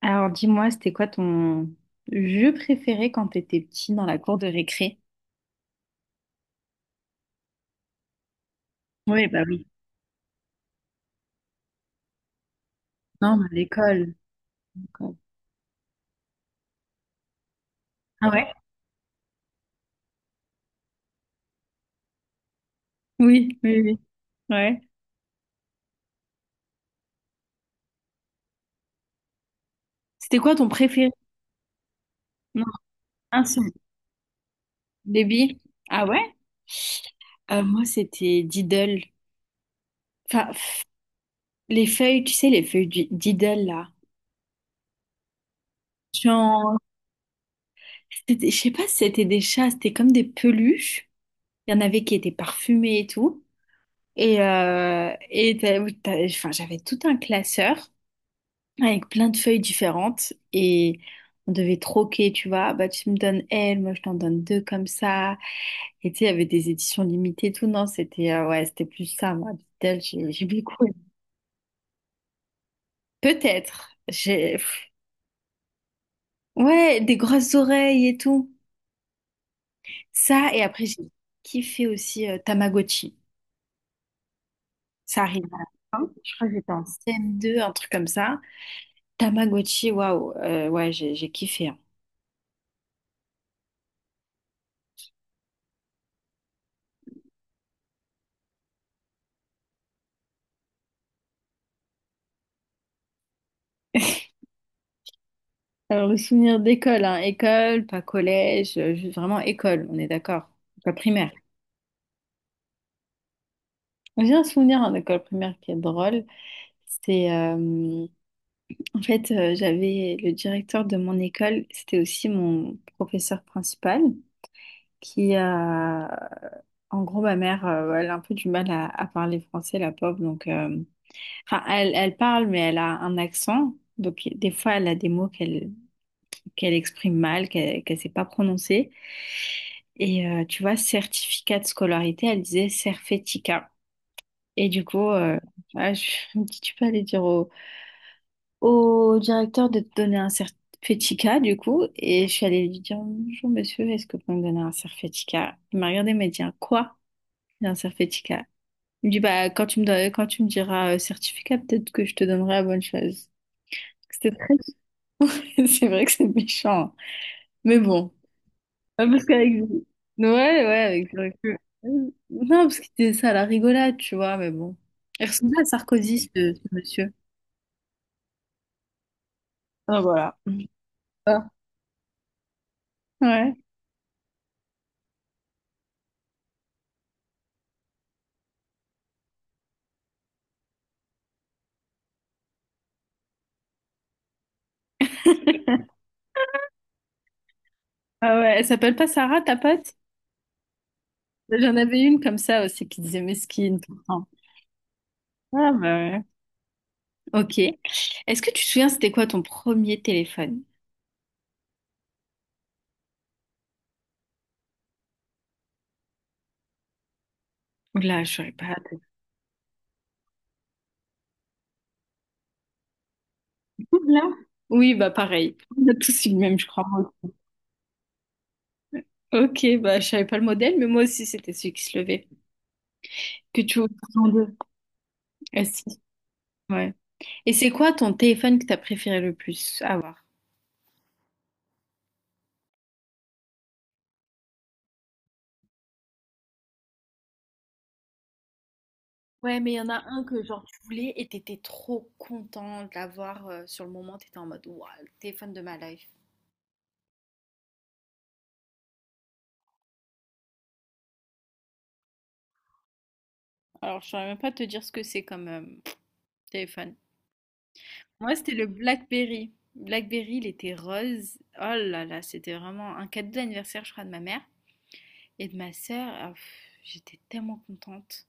Alors dis-moi, c'était quoi ton jeu préféré quand t'étais petit dans la cour de récré? Oui, bah oui. Non, mais à l'école. L'école. Ah ouais? Oui, oui, oui. Ouais. C'était quoi ton préféré? Non, un seul. Baby? Ah ouais? Moi, c'était Diddle. Enfin, pff, les feuilles, tu sais, les feuilles du Diddle, là. Genre, je sais pas si c'était des chats, c'était comme des peluches. Il y en avait qui étaient parfumés et tout. Et enfin, j'avais tout un classeur avec plein de feuilles différentes et on devait troquer, tu vois, ah bah tu me donnes elle, moi je t'en donne deux comme ça. Et tu sais, il y avait des éditions limitées, et tout, non, c'était ouais, c'était plus ça, moi, Beatles, j'ai beaucoup aimé. Peut-être, j'ai, pff, ouais, des grosses oreilles et tout. Ça, et après j'ai kiffé aussi Tamagotchi. Ça arrive à la fin, je crois que j'étais en CM2, un truc comme ça. Tamagotchi, waouh, ouais, j'ai kiffé, hein. Alors, le souvenir d'école, hein, école, pas collège, juste vraiment école, on est d'accord, école primaire. J'ai un souvenir en école primaire qui est drôle. C'est en fait, j'avais le directeur de mon école, c'était aussi mon professeur principal, qui a, en gros, ma mère, elle a un peu du mal à parler français, la pauvre, donc enfin, elle, elle parle, mais elle a un accent. Donc, des fois, elle a des mots qu'elle exprime mal, qu'elle ne sait pas prononcer. Tu vois, certificat de scolarité, elle disait Cerfetica. Et du coup, voilà, je me dis, tu peux aller dire au, au directeur de te donner un certificat, du coup. Et je suis allée lui dire, bonjour monsieur, est-ce que vous pouvez me donner un certificat? Il m'a regardé, il m'a dit, un quoi? Un certificat. Il me dit, bah, quand tu me diras certificat, peut-être que je te donnerai la bonne chose. C'était très... C'est vrai que c'est méchant, hein. Mais bon. Ah, parce qu'avec... Ouais, ouais, avec le recul. Non, parce que c'était ça, la rigolade, tu vois, mais bon. Il ressemblait à Sarkozy, ce monsieur. Ah, voilà. Ah, ouais. Ah ouais, elle s'appelle pas Sarah, ta pote? J'en avais une comme ça aussi qui disait mesquine tout le temps. Ah bah ouais. Ok. Est-ce que tu te souviens, c'était quoi ton premier téléphone? Là, je saurais pas. Là? Oui, bah pareil. On a tous eu le même, je crois. Ok, bah je savais pas le modèle, mais moi aussi, c'était celui qui se levait. Que tu ouvres en deux. Ah si, ouais. Et c'est quoi ton téléphone que t'as préféré le plus avoir? Ouais, mais il y en a un que genre tu voulais et t'étais trop content de l'avoir sur le moment, t'étais en mode waouh, le téléphone de ma life. Alors, je saurais même pas te dire ce que c'est comme téléphone. Moi, c'était le BlackBerry. BlackBerry, il était rose. Oh là là, c'était vraiment un cadeau d'anniversaire, je crois, de ma mère et de ma sœur. Ah, pff, j'étais tellement contente.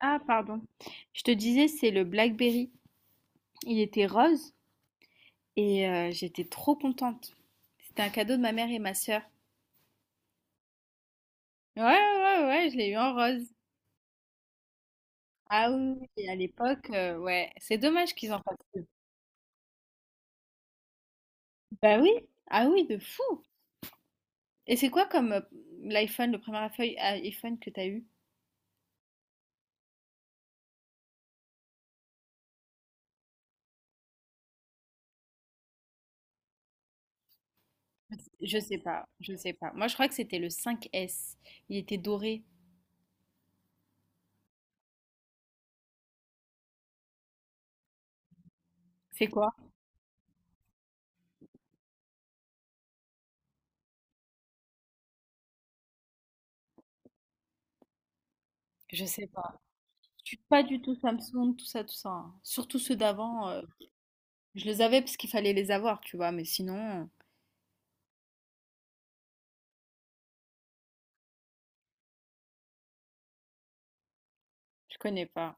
Ah, pardon. Je te disais, c'est le BlackBerry. Il était rose. J'étais trop contente. C'était un cadeau de ma mère et ma sœur. Ouais, ouais, ouais, je l'ai eu en rose. Ah oui, oui, et à l'époque, ouais, c'est dommage qu'ils en fassent plus. Bah oui, ah oui, de fou. Et c'est quoi comme l'iPhone, le premier iPhone que t'as eu? Je sais pas, je sais pas. Moi, je crois que c'était le 5S. Il était doré. C'est quoi? Je sais pas. Je suis pas du tout Samsung, tout ça, tout ça, hein. Surtout ceux d'avant, je les avais parce qu'il fallait les avoir, tu vois, mais sinon, je connais pas.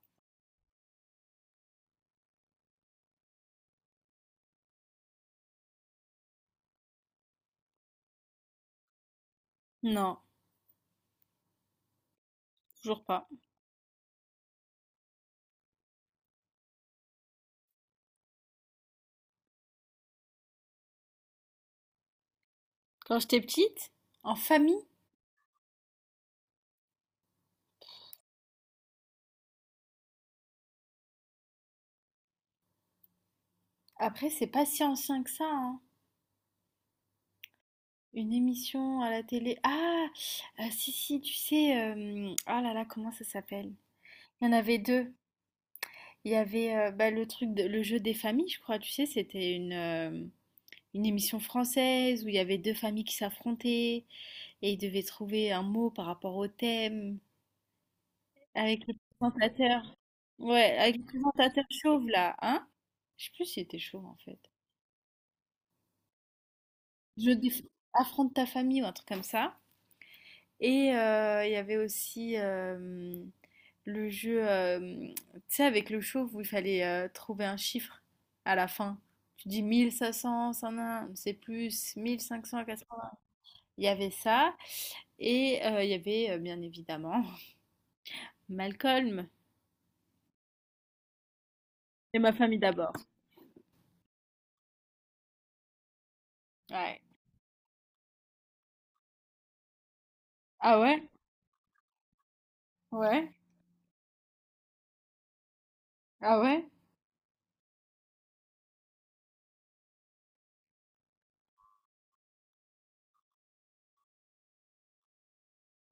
Non, toujours pas. Quand j'étais petite, en famille, après, c'est pas si ancien que ça, hein. Une émission à la télé. Ah, si, si, tu sais, ah là là, comment ça s'appelle? Il y en avait deux. Il y avait bah, le jeu des familles, je crois. Tu sais, c'était une émission française où il y avait deux familles qui s'affrontaient et ils devaient trouver un mot par rapport au thème avec le présentateur. Ouais, avec le présentateur chauve là, hein? Je sais plus s'il était chauve en fait. Je déf- affronte ta famille ou un truc comme ça. Il y avait aussi le jeu, tu sais, avec le chauve où il fallait trouver un chiffre à la fin. Tu dis 1500, ça un, c'est plus, 1500, 400. Il y avait ça. Et il y avait, bien évidemment, Malcolm. Et ma famille d'abord. Ouais. Ah ouais? Ouais. Ah ouais?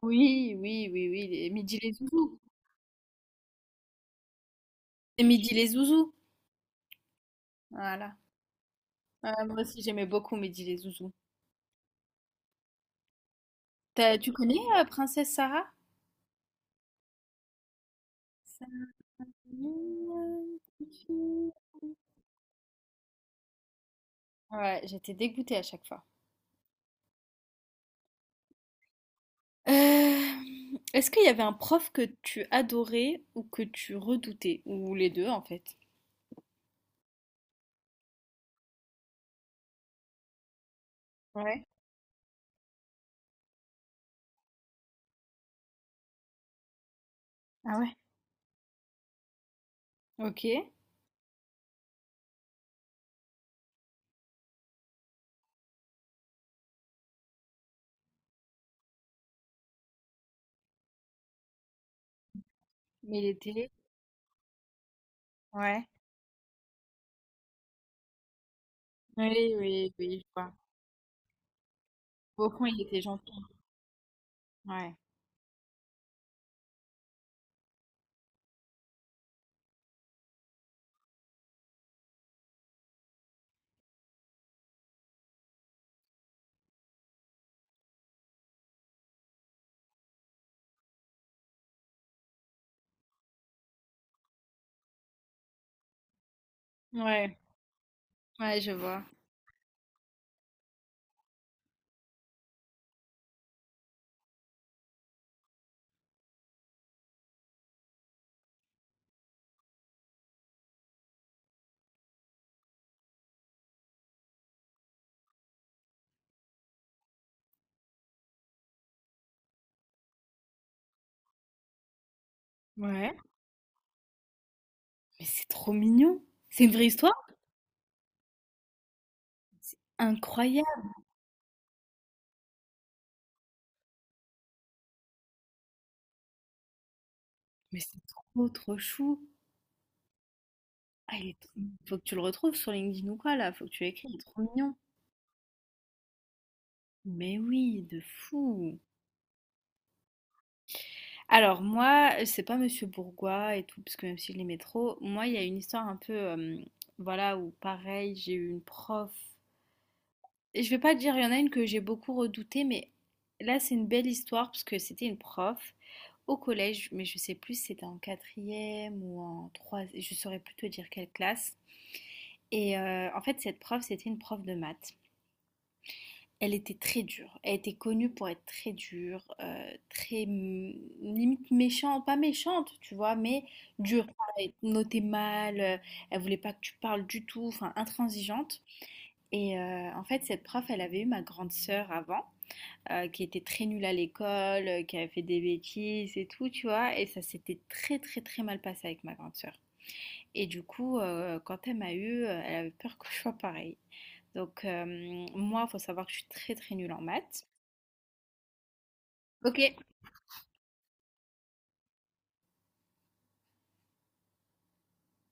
Oui, oui, oui, oui, Midi les zouzous. Et Midi les zouzous. Voilà. Ah, moi aussi, j'aimais beaucoup Midi les zouzous. Tu connais Princesse Sarah? Sarah, petite fille. Ouais, j'étais dégoûtée à chaque fois. Est-ce qu'il y avait un prof que tu adorais ou que tu redoutais? Ou les deux en fait. Ouais. Ah ouais. Ok. Mais il était. Ouais. Oui, oui, oui, je vois. Au fond, il était gentil. Ouais. Ouais, ouais, je vois. Ouais. Mais c'est trop mignon. C'est une vraie histoire? C'est incroyable. Mais c'est trop, trop chou. Ah, il est trop, faut que tu le retrouves sur LinkedIn ou quoi là, faut que tu l'écris, il est trop mignon. Mais oui, de fou. Alors moi, c'est pas Monsieur Bourgois et tout, parce que même si je l'aimais trop, moi il y a une histoire un peu, voilà, où pareil, j'ai eu une prof. Et je vais pas dire, il y en a une que j'ai beaucoup redoutée, mais là c'est une belle histoire parce que c'était une prof au collège, mais je sais plus si c'était en quatrième ou en troisième, je saurais plus te dire quelle classe. En fait, cette prof, c'était une prof de maths. Elle était très dure. Elle était connue pour être très dure, très mm, limite méchante, pas méchante, tu vois, mais dure. Elle notait mal, elle voulait pas que tu parles du tout, enfin intransigeante. En fait, cette prof, elle avait eu ma grande sœur avant, qui était très nulle à l'école, qui avait fait des bêtises et tout, tu vois, et ça s'était très très très mal passé avec ma grande sœur. Et du coup, quand elle m'a eu, elle avait peur que je sois pareil. Donc, moi, il faut savoir que je suis très très nulle en maths. OK